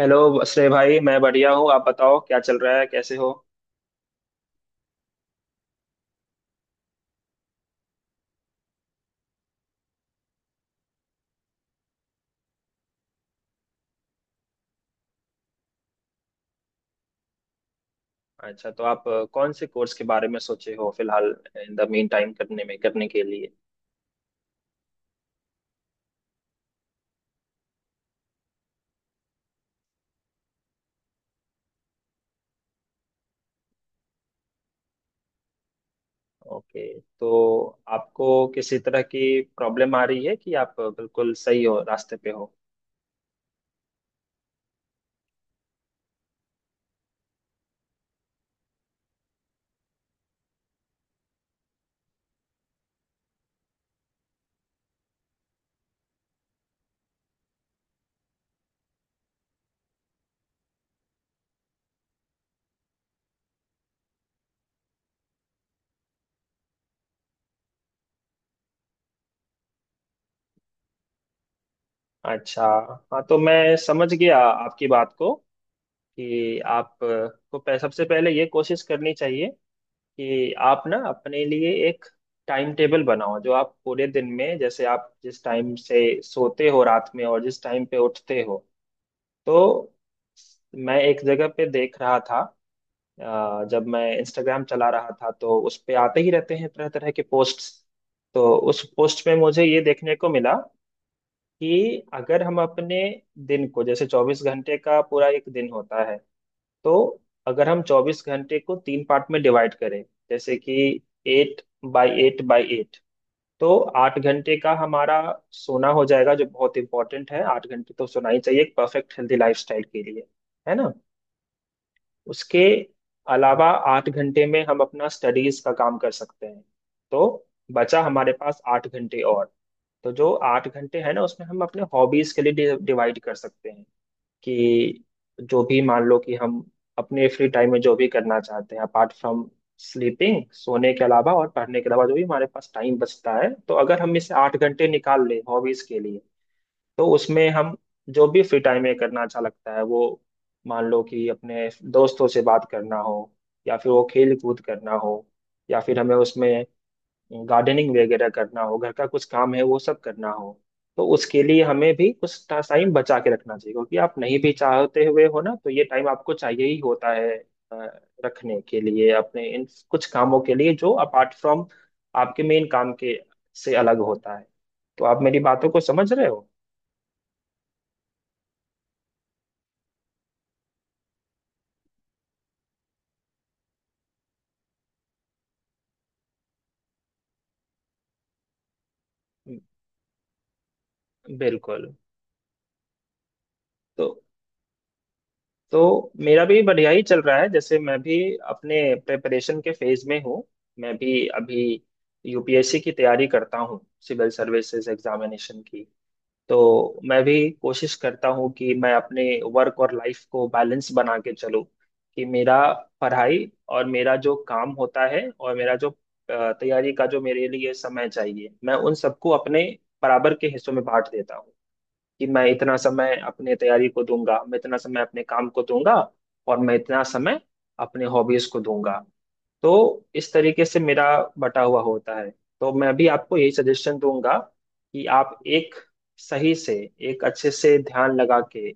Hello Shrey भाई, मैं बढ़िया हूँ। आप बताओ, क्या चल रहा है? कैसे हो? अच्छा, तो आप कौन से कोर्स के बारे में सोचे हो फिलहाल, इन द मीन टाइम करने में, करने के लिए? ओके, तो आपको किसी तरह की प्रॉब्लम आ रही है कि आप बिल्कुल सही हो, रास्ते पे हो? अच्छा। हाँ, तो मैं समझ गया आपकी बात को कि आप सबसे पहले ये कोशिश करनी चाहिए कि आप ना अपने लिए एक टाइम टेबल बनाओ, जो आप पूरे दिन में, जैसे आप जिस टाइम से सोते हो रात में और जिस टाइम पे उठते हो। तो मैं एक जगह पे देख रहा था, जब मैं इंस्टाग्राम चला रहा था, तो उस पे आते ही रहते हैं तरह तरह के पोस्ट्स। तो उस पोस्ट में मुझे ये देखने को मिला कि अगर हम अपने दिन को, जैसे 24 घंटे का पूरा एक दिन होता है, तो अगर हम 24 घंटे को तीन पार्ट में डिवाइड करें, जैसे कि eight by eight by eight, तो 8 घंटे का हमारा सोना हो जाएगा, जो बहुत इंपॉर्टेंट है। 8 घंटे तो सोना ही चाहिए एक परफेक्ट हेल्दी लाइफस्टाइल के लिए, है ना। उसके अलावा, 8 घंटे में हम अपना स्टडीज का काम कर सकते हैं। तो बचा हमारे पास 8 घंटे और। तो जो 8 घंटे है ना, उसमें हम अपने हॉबीज के लिए डिवाइड कर सकते हैं, कि जो भी, मान लो कि हम अपने फ्री टाइम में जो भी करना चाहते हैं, अपार्ट फ्रॉम स्लीपिंग, सोने के अलावा और पढ़ने के अलावा जो भी हमारे पास टाइम बचता है, तो अगर हम इसे 8 घंटे निकाल लें हॉबीज के लिए, तो उसमें हम जो भी फ्री टाइम में करना अच्छा लगता है, वो, मान लो कि अपने दोस्तों से बात करना हो, या फिर वो खेल कूद करना हो, या फिर हमें उसमें गार्डनिंग वगैरह करना हो, घर का कुछ काम है वो सब करना हो, तो उसके लिए हमें भी कुछ टाइम बचा के रखना चाहिए, क्योंकि आप नहीं भी चाहते हुए हो ना, तो ये टाइम आपको चाहिए ही होता है अ, रखने के लिए, अपने इन कुछ कामों के लिए, जो अपार्ट फ्रॉम आपके मेन काम के, से अलग होता है। तो आप मेरी बातों को समझ रहे हो? बिल्कुल। तो तो मेरा भी बढ़िया ही चल रहा है। जैसे मैं भी अपने प्रिपरेशन के फेज में हूँ। मैं भी अभी यूपीएससी की तैयारी करता हूँ, सिविल सर्विसेज एग्जामिनेशन की। तो मैं भी कोशिश करता हूँ कि मैं अपने वर्क और लाइफ को बैलेंस बना के चलूँ, कि मेरा पढ़ाई और मेरा जो काम होता है और मेरा जो तैयारी का जो मेरे लिए समय चाहिए, मैं उन सबको अपने बराबर के हिस्सों में बांट देता हूँ कि मैं इतना समय अपने तैयारी को दूंगा, मैं इतना समय अपने काम को दूंगा, और मैं इतना समय अपने हॉबीज को दूंगा। तो इस तरीके से मेरा बटा हुआ होता है। तो मैं भी आपको यही सजेशन दूंगा, कि आप एक सही से, एक अच्छे से ध्यान लगा के,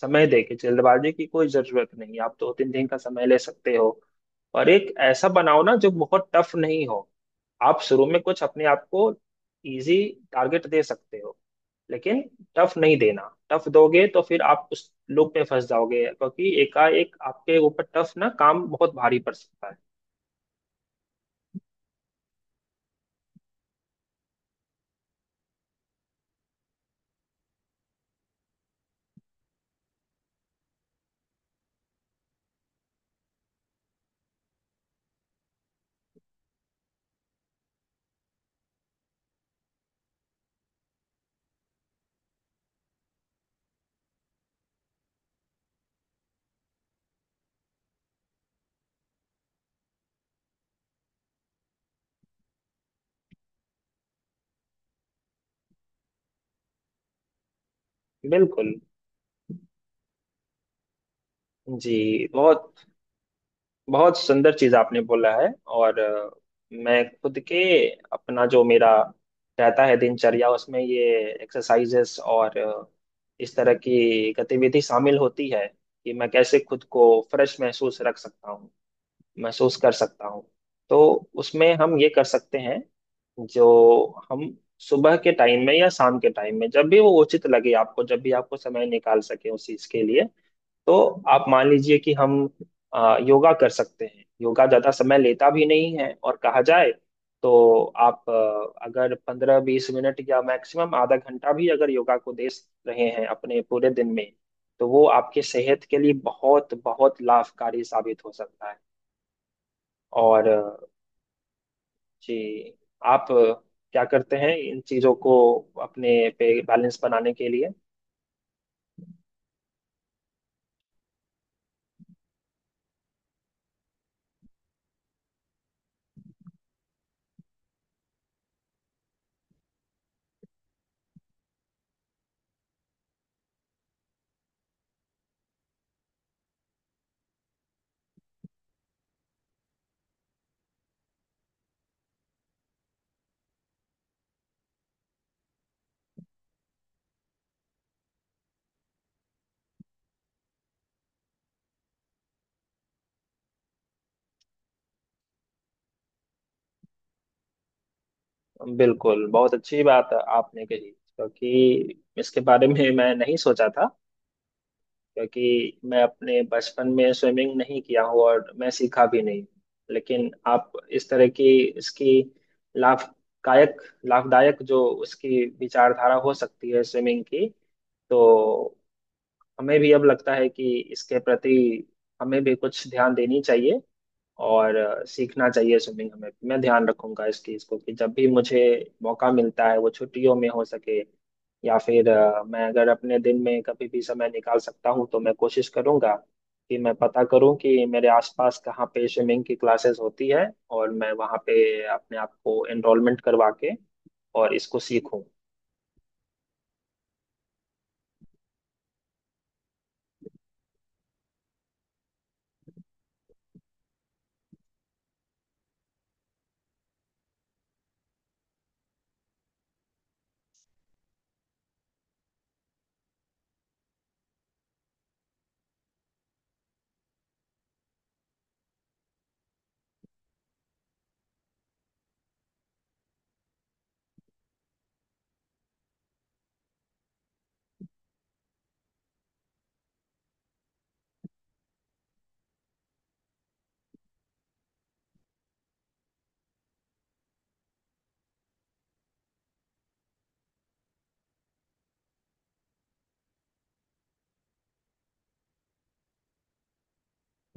समय दे के, जल्दबाजी की कोई जरूरत नहीं। आप दो तीन दिन का समय ले सकते हो, और एक ऐसा बनाओ ना जो बहुत टफ नहीं हो। आप शुरू में कुछ अपने आप को इजी टारगेट दे सकते हो, लेकिन टफ नहीं देना। टफ दोगे तो फिर आप उस लूप में फंस जाओगे, क्योंकि एकाएक आपके ऊपर टफ ना काम बहुत भारी पड़ सकता है। बिल्कुल। जी, बहुत बहुत सुंदर चीज आपने बोला है। और मैं खुद के, अपना जो मेरा रहता है दिनचर्या, उसमें ये एक्सरसाइजेस और इस तरह की गतिविधि शामिल होती है, कि मैं कैसे खुद को फ्रेश महसूस रख सकता हूँ, महसूस कर सकता हूँ। तो उसमें हम ये कर सकते हैं, जो हम सुबह के टाइम में या शाम के टाइम में, जब भी वो उचित लगे आपको, जब भी आपको समय निकाल सके उस चीज के लिए। तो आप मान लीजिए कि हम योगा कर सकते हैं। योगा ज्यादा समय लेता भी नहीं है, और कहा जाए तो आप, अगर 15-20 मिनट या मैक्सिमम आधा घंटा भी अगर योगा को दे रहे हैं अपने पूरे दिन में, तो वो आपके सेहत के लिए बहुत बहुत लाभकारी साबित हो सकता है। और जी। आप क्या करते हैं इन चीज़ों को अपने पे बैलेंस बनाने के लिए? बिल्कुल, बहुत अच्छी बात आपने कही, क्योंकि इसके बारे में मैं नहीं सोचा था। क्योंकि मैं अपने बचपन में स्विमिंग नहीं किया हूँ, और मैं सीखा भी नहीं। लेकिन आप, इस तरह की, इसकी लाभदायक, लाभदायक जो उसकी विचारधारा हो सकती है स्विमिंग की, तो हमें भी अब लगता है कि इसके प्रति हमें भी कुछ ध्यान देनी चाहिए, और सीखना चाहिए स्विमिंग हमें। मैं ध्यान रखूंगा इस चीज को कि जब भी मुझे मौका मिलता है, वो छुट्टियों में हो सके, या फिर मैं अगर अपने दिन में कभी भी समय निकाल सकता हूँ, तो मैं कोशिश करूंगा कि मैं पता करूं कि मेरे आसपास कहाँ पे स्विमिंग की क्लासेस होती है, और मैं वहाँ पे अपने आप को एनरोलमेंट करवा के, और इसको सीखूं।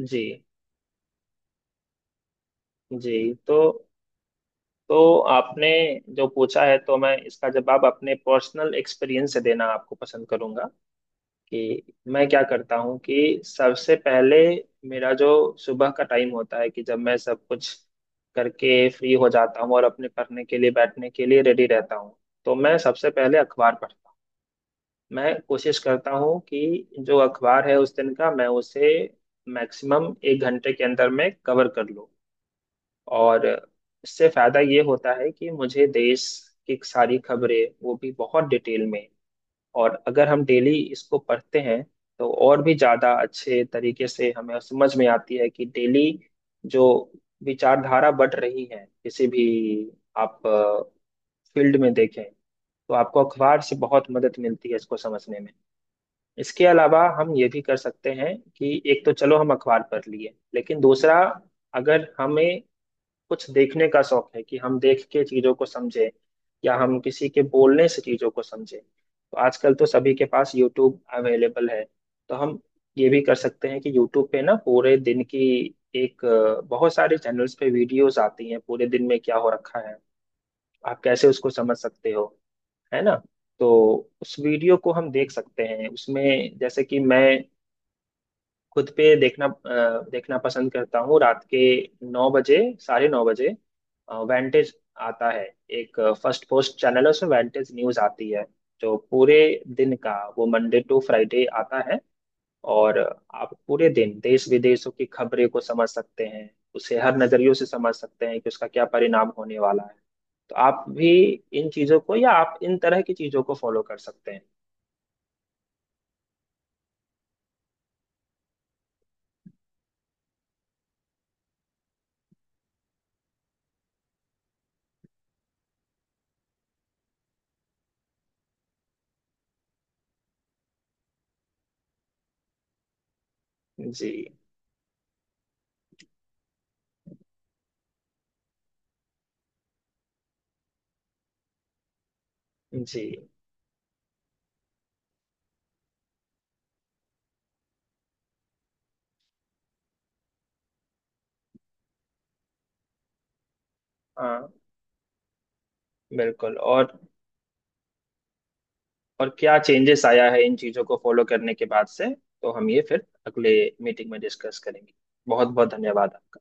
जी। जी। तो आपने जो पूछा है, तो मैं इसका जवाब अपने पर्सनल एक्सपीरियंस से देना आपको पसंद करूंगा, कि मैं क्या करता हूँ, कि सबसे पहले मेरा जो सुबह का टाइम होता है, कि जब मैं सब कुछ करके फ्री हो जाता हूँ और अपने पढ़ने के लिए, बैठने के लिए रेडी रहता हूँ, तो मैं सबसे पहले अखबार पढ़ता हूँ। मैं कोशिश करता हूँ कि जो अखबार है उस दिन का, मैं उसे मैक्सिमम 1 घंटे के अंदर में कवर कर लूँ। और उससे फायदा ये होता है कि मुझे देश की सारी खबरें, वो भी बहुत डिटेल में। और अगर हम डेली इसको पढ़ते हैं, तो और भी ज्यादा अच्छे तरीके से हमें समझ में आती है कि डेली जो विचारधारा बढ़ रही है, किसी भी आप फील्ड में देखें, तो आपको अखबार से बहुत मदद मिलती है इसको समझने में। इसके अलावा हम ये भी कर सकते हैं कि, एक तो चलो हम अखबार पढ़ लिए, लेकिन दूसरा, अगर हमें कुछ देखने का शौक है, कि हम देख के चीजों को समझें, या हम किसी के बोलने से चीजों को समझें, तो आजकल तो सभी के पास यूट्यूब अवेलेबल है। तो हम ये भी कर सकते हैं कि यूट्यूब पे ना, पूरे दिन की एक, बहुत सारे चैनल्स पे वीडियोस आती हैं पूरे दिन में क्या हो रखा है, आप कैसे उसको समझ सकते हो, है ना। तो उस वीडियो को हम देख सकते हैं, उसमें जैसे कि मैं खुद पे देखना, देखना पसंद करता हूँ रात के 9 बजे, 9:30 बजे, वेंटेज आता है। एक फर्स्ट पोस्ट चैनल है, उसमें वेंटेज न्यूज आती है, जो पूरे दिन का, वो मंडे टू फ्राइडे आता है, और आप पूरे दिन देश विदेशों की खबरें को समझ सकते हैं, उसे हर नजरियों से समझ सकते हैं कि उसका क्या परिणाम होने वाला है। तो आप भी इन चीजों को, या आप इन तरह की चीजों को फॉलो कर सकते हैं। जी। जी। हाँ। बिल्कुल। और क्या चेंजेस आया है इन चीजों को फॉलो करने के बाद से, तो हम ये फिर अगले मीटिंग में डिस्कस करेंगे। बहुत बहुत धन्यवाद आपका।